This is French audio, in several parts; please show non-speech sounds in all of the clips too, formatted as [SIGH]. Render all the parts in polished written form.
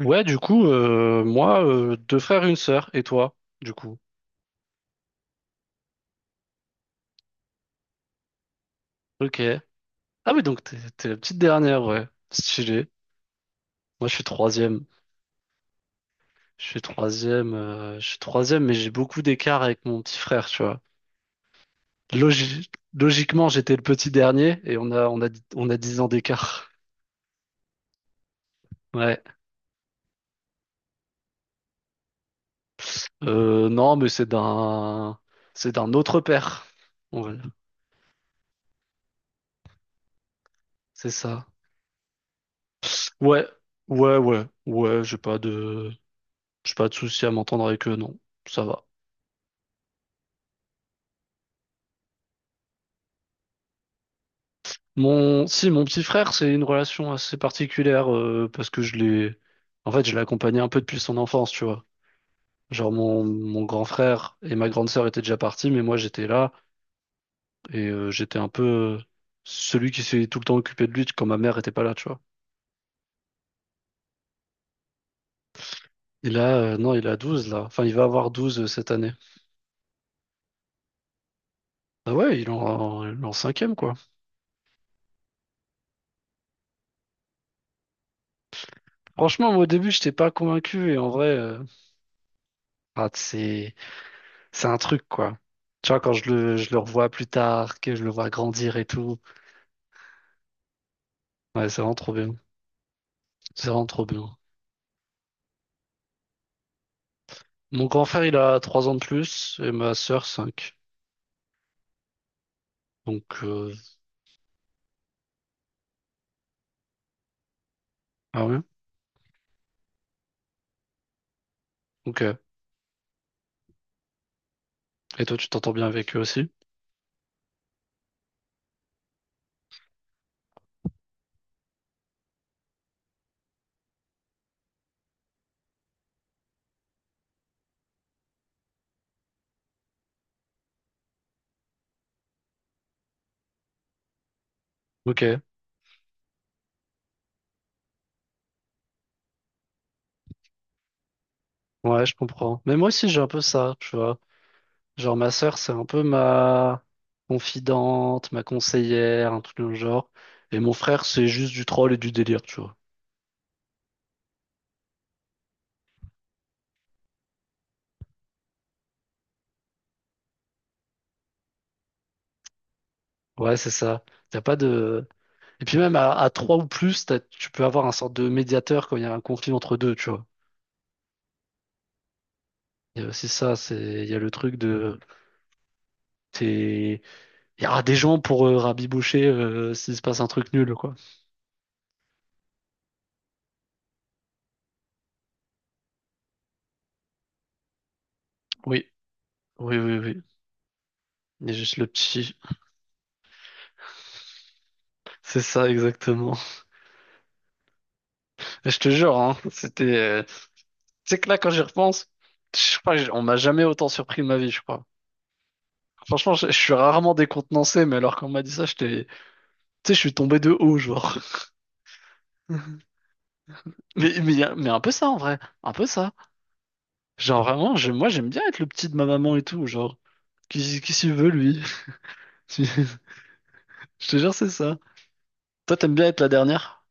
Ouais, du coup, moi, deux frères et une sœur, et toi, du coup. Ok. Ah oui, donc t'es la petite dernière, ouais. Stylé. Moi, je suis troisième. Je suis troisième, mais j'ai beaucoup d'écart avec mon petit frère, tu vois. Logi- Logiquement, j'étais le petit dernier, et on a 10 ans d'écart. [LAUGHS] Ouais. Non, mais c'est d'un autre père. Voilà, c'est ça. Ouais, ouais, ouais, ouais, j'ai pas de souci à m'entendre avec eux, non. Ça va. Si, mon petit frère, c'est une relation assez particulière parce que en fait, je l'ai accompagné un peu depuis son enfance, tu vois. Genre mon grand frère et ma grande sœur étaient déjà partis, mais moi j'étais là et j'étais un peu euh, celui qui s'est tout le temps occupé de lui quand ma mère était pas là, tu vois. Et là, non, il a 12 là. Enfin, il va avoir 12 cette année. Ah ouais, il est en cinquième quoi. Franchement, moi au début, j'étais pas convaincu et en vrai, ah, c'est un truc quoi. Tu vois, quand je le revois plus tard, que je le vois grandir et tout. Ouais, c'est vraiment trop bien. C'est vraiment trop bien. Mon grand frère, il a 3 ans de plus et ma sœur cinq. Donc, ah ouais? Ok. Et toi, tu t'entends bien avec eux aussi? Ok. Ouais, je comprends. Mais moi aussi, j'ai un peu ça, tu vois. Genre, ma sœur, c'est un peu ma confidente, ma conseillère, un truc dans le genre. Et mon frère, c'est juste du troll et du délire, tu vois. Ouais, c'est ça. T'as pas de. Et puis même à 3 ou plus, tu peux avoir un sorte de médiateur quand il y a un conflit entre deux, tu vois. Il y a aussi ça, il y a le truc de. C'est. Il y aura des gens pour rabiboucher s'il se passe un truc nul, quoi. Oui, oui, oui, oui. Il y a juste le petit. [LAUGHS] C'est ça, exactement. [LAUGHS] Je te jure, hein, c'était. Tu sais que là, quand j'y repense, je crois que on m'a jamais autant surpris de ma vie, je crois. Franchement, je suis rarement décontenancé, mais alors qu'on m'a dit ça, j'étais. Tu sais, je suis tombé de haut, genre. [LAUGHS] Mais un peu ça, en vrai. Un peu ça. Genre, vraiment, moi, j'aime bien être le petit de ma maman et tout, genre. Qui s'y veut, lui? [LAUGHS] Je te jure, c'est ça. Toi, t'aimes bien être la dernière?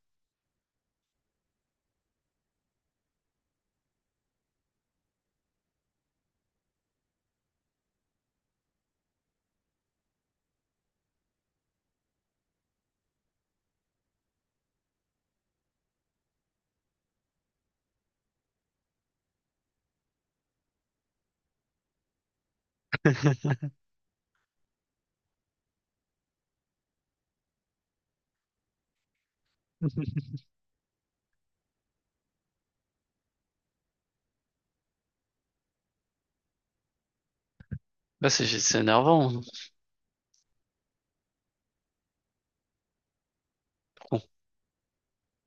Bah, c'est énervant. Bon.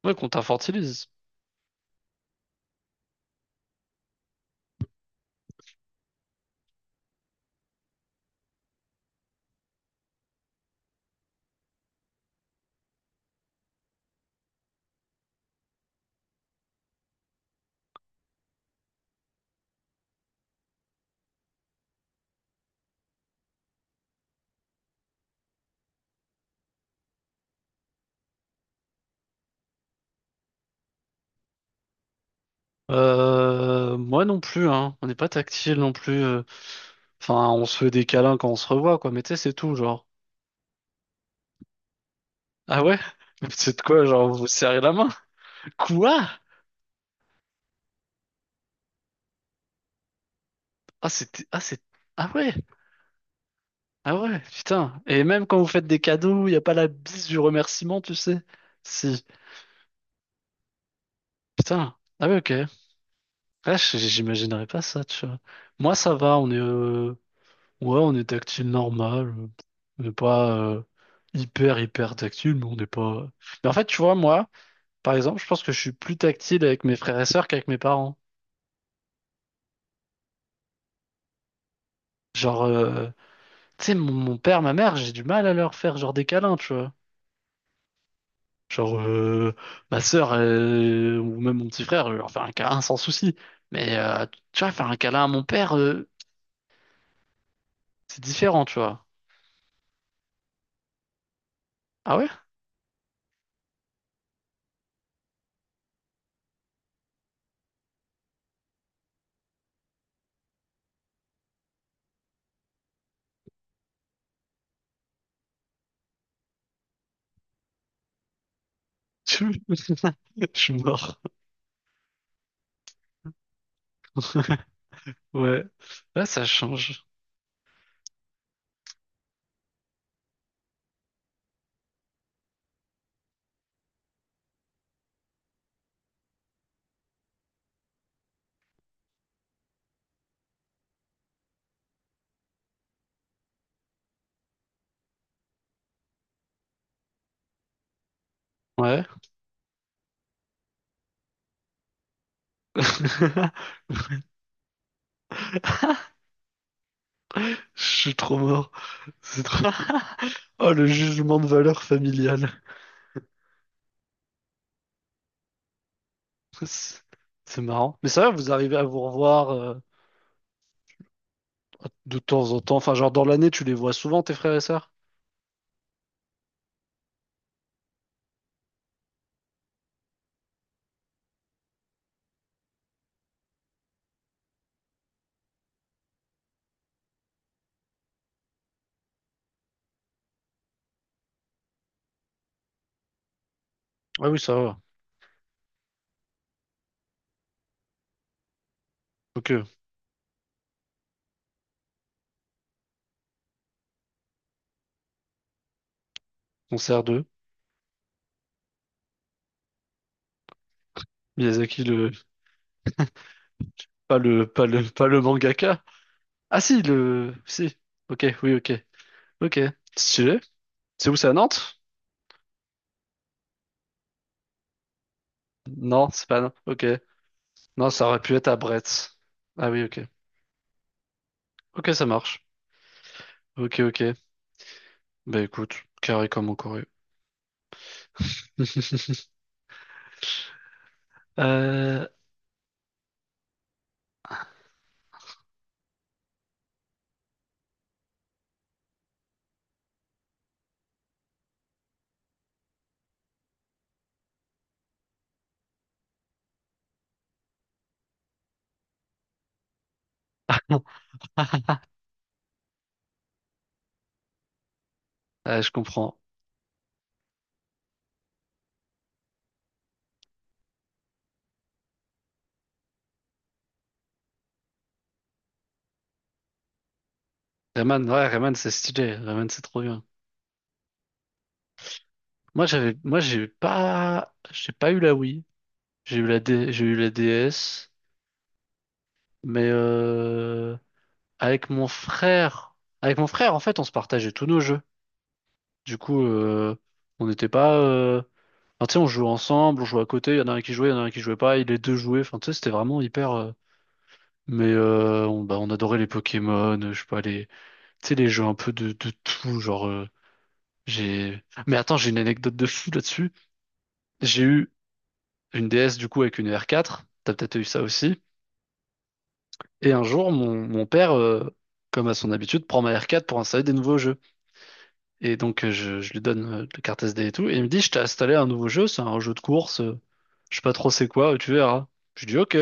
Ouais, qu'on t'infortilise. Moi non plus, hein. On n'est pas tactile non plus. Enfin, on se fait des câlins quand on se revoit, quoi. Mais tu sais, c'est tout, genre. Ah ouais? [LAUGHS] Mais c'est de quoi, genre, vous vous serrez la main? Quoi? Ah, ah, ah ouais, ah ouais, putain. Et même quand vous faites des cadeaux, il n'y a pas la bise du remerciement, tu sais. Si, putain. Ah ouais, ok. Ouais, j'imaginerais pas ça, tu vois. Moi, ça va, ouais, on est tactile normal. On n'est pas hyper, hyper tactile, mais on n'est pas. Mais en fait, tu vois, moi, par exemple, je pense que je suis plus tactile avec mes frères et sœurs qu'avec mes parents. Genre, tu sais, mon père, ma mère, j'ai du mal à leur faire genre des câlins, tu vois. Genre, ma sœur ou même mon petit frère, je leur fais un câlin sans souci. Mais tu vois, faire un câlin à mon père, c'est différent, tu vois. Ah ouais? [LAUGHS] Je suis mort. [LAUGHS] Ouais. Ouais, ça change. Ouais. [LAUGHS] Je suis trop mort. C'est trop. Oh, le jugement de valeur familiale. C'est c'est marrant. Mais ça, va, vous arrivez à vous revoir de temps en temps. Enfin, genre dans l'année, tu les vois souvent, tes frères et sœurs? Ah oui, ça va. Ok, on sert d'eux. Miyazaki, le. Pas le. Pas le. Pas le mangaka. Ah si, le. Si. Ok, oui, ok. Ok. Stylé. C'est où, c'est à Nantes? Non, c'est pas à Nantes. Ok. Non, ça aurait pu être à Brest. Ah oui, ok. Ok, ça marche. Ok, ok. Bah écoute, carré comme au Corée. [LAUGHS] Euh, [LAUGHS] ah, je comprends. Rayman, ouais, Rayman, c'est stylé. Rayman, c'est trop bien. Moi, moi, j'ai pas eu la Wii. J'ai eu j'ai eu la DS, mais avec mon frère, avec mon frère, en fait, on se partageait tous nos jeux. Du coup, on n'était pas, enfin, tu sais, on jouait ensemble, on jouait à côté. Il y en a un qui jouait, il y en a un qui jouait pas. Et les deux jouaient. Enfin, tu sais, c'était vraiment hyper. Mais bah, on adorait les Pokémon, je sais pas tu sais, les jeux un peu de tout, genre. J'ai. Mais attends, j'ai une anecdote de fou là-dessus. J'ai eu une DS du coup avec une R4, t'as peut-être eu ça aussi. Et un jour, mon père, comme à son habitude, prend ma R4 pour installer des nouveaux jeux. Et donc je lui donne la carte SD et tout, et il me dit, je t'ai installé un nouveau jeu, c'est un jeu de course, je sais pas trop c'est quoi, tu verras. Je dis, ok,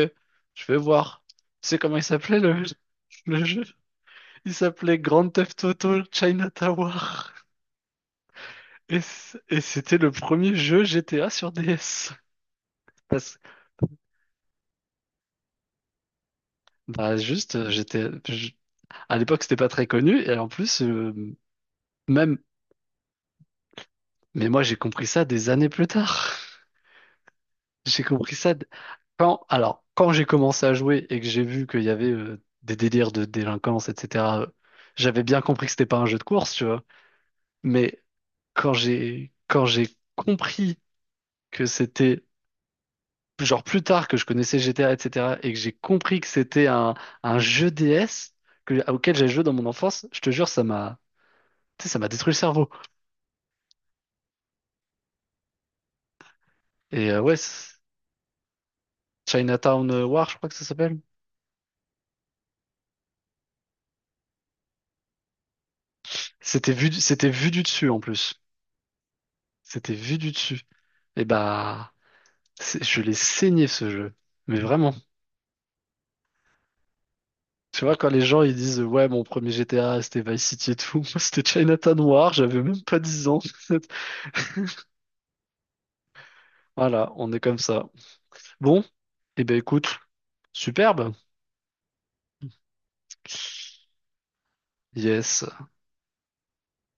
je vais voir. Tu sais comment il s'appelait le jeu? Il s'appelait Grand Theft Auto China Tower. Et c'était le premier jeu GTA sur DS. Bah juste, à l'époque c'était pas très connu et en plus même mais moi j'ai compris ça des années plus tard. [LAUGHS] J'ai compris ça quand j'ai commencé à jouer et que j'ai vu qu'il y avait des délires de délinquance etc. J'avais bien compris que c'était pas un jeu de course, tu vois. Mais quand j'ai compris que c'était genre plus tard que je connaissais GTA etc. et cetera et que j'ai compris que c'était un jeu DS que, auquel j'ai joué dans mon enfance, je te jure ça m'a tu sais, ça m'a détruit le cerveau. Et ouais, Chinatown War, je crois que ça s'appelle. C'était vu du dessus en plus. C'était vu du dessus. Et bah, je l'ai saigné ce jeu. Mais vraiment. Tu vois, quand les gens ils disent ouais, mon premier GTA c'était Vice City et tout, [LAUGHS] moi c'était Chinatown War, j'avais même pas 10 ans. [LAUGHS] Voilà, on est comme ça. Bon, et ben écoute, superbe. Yes.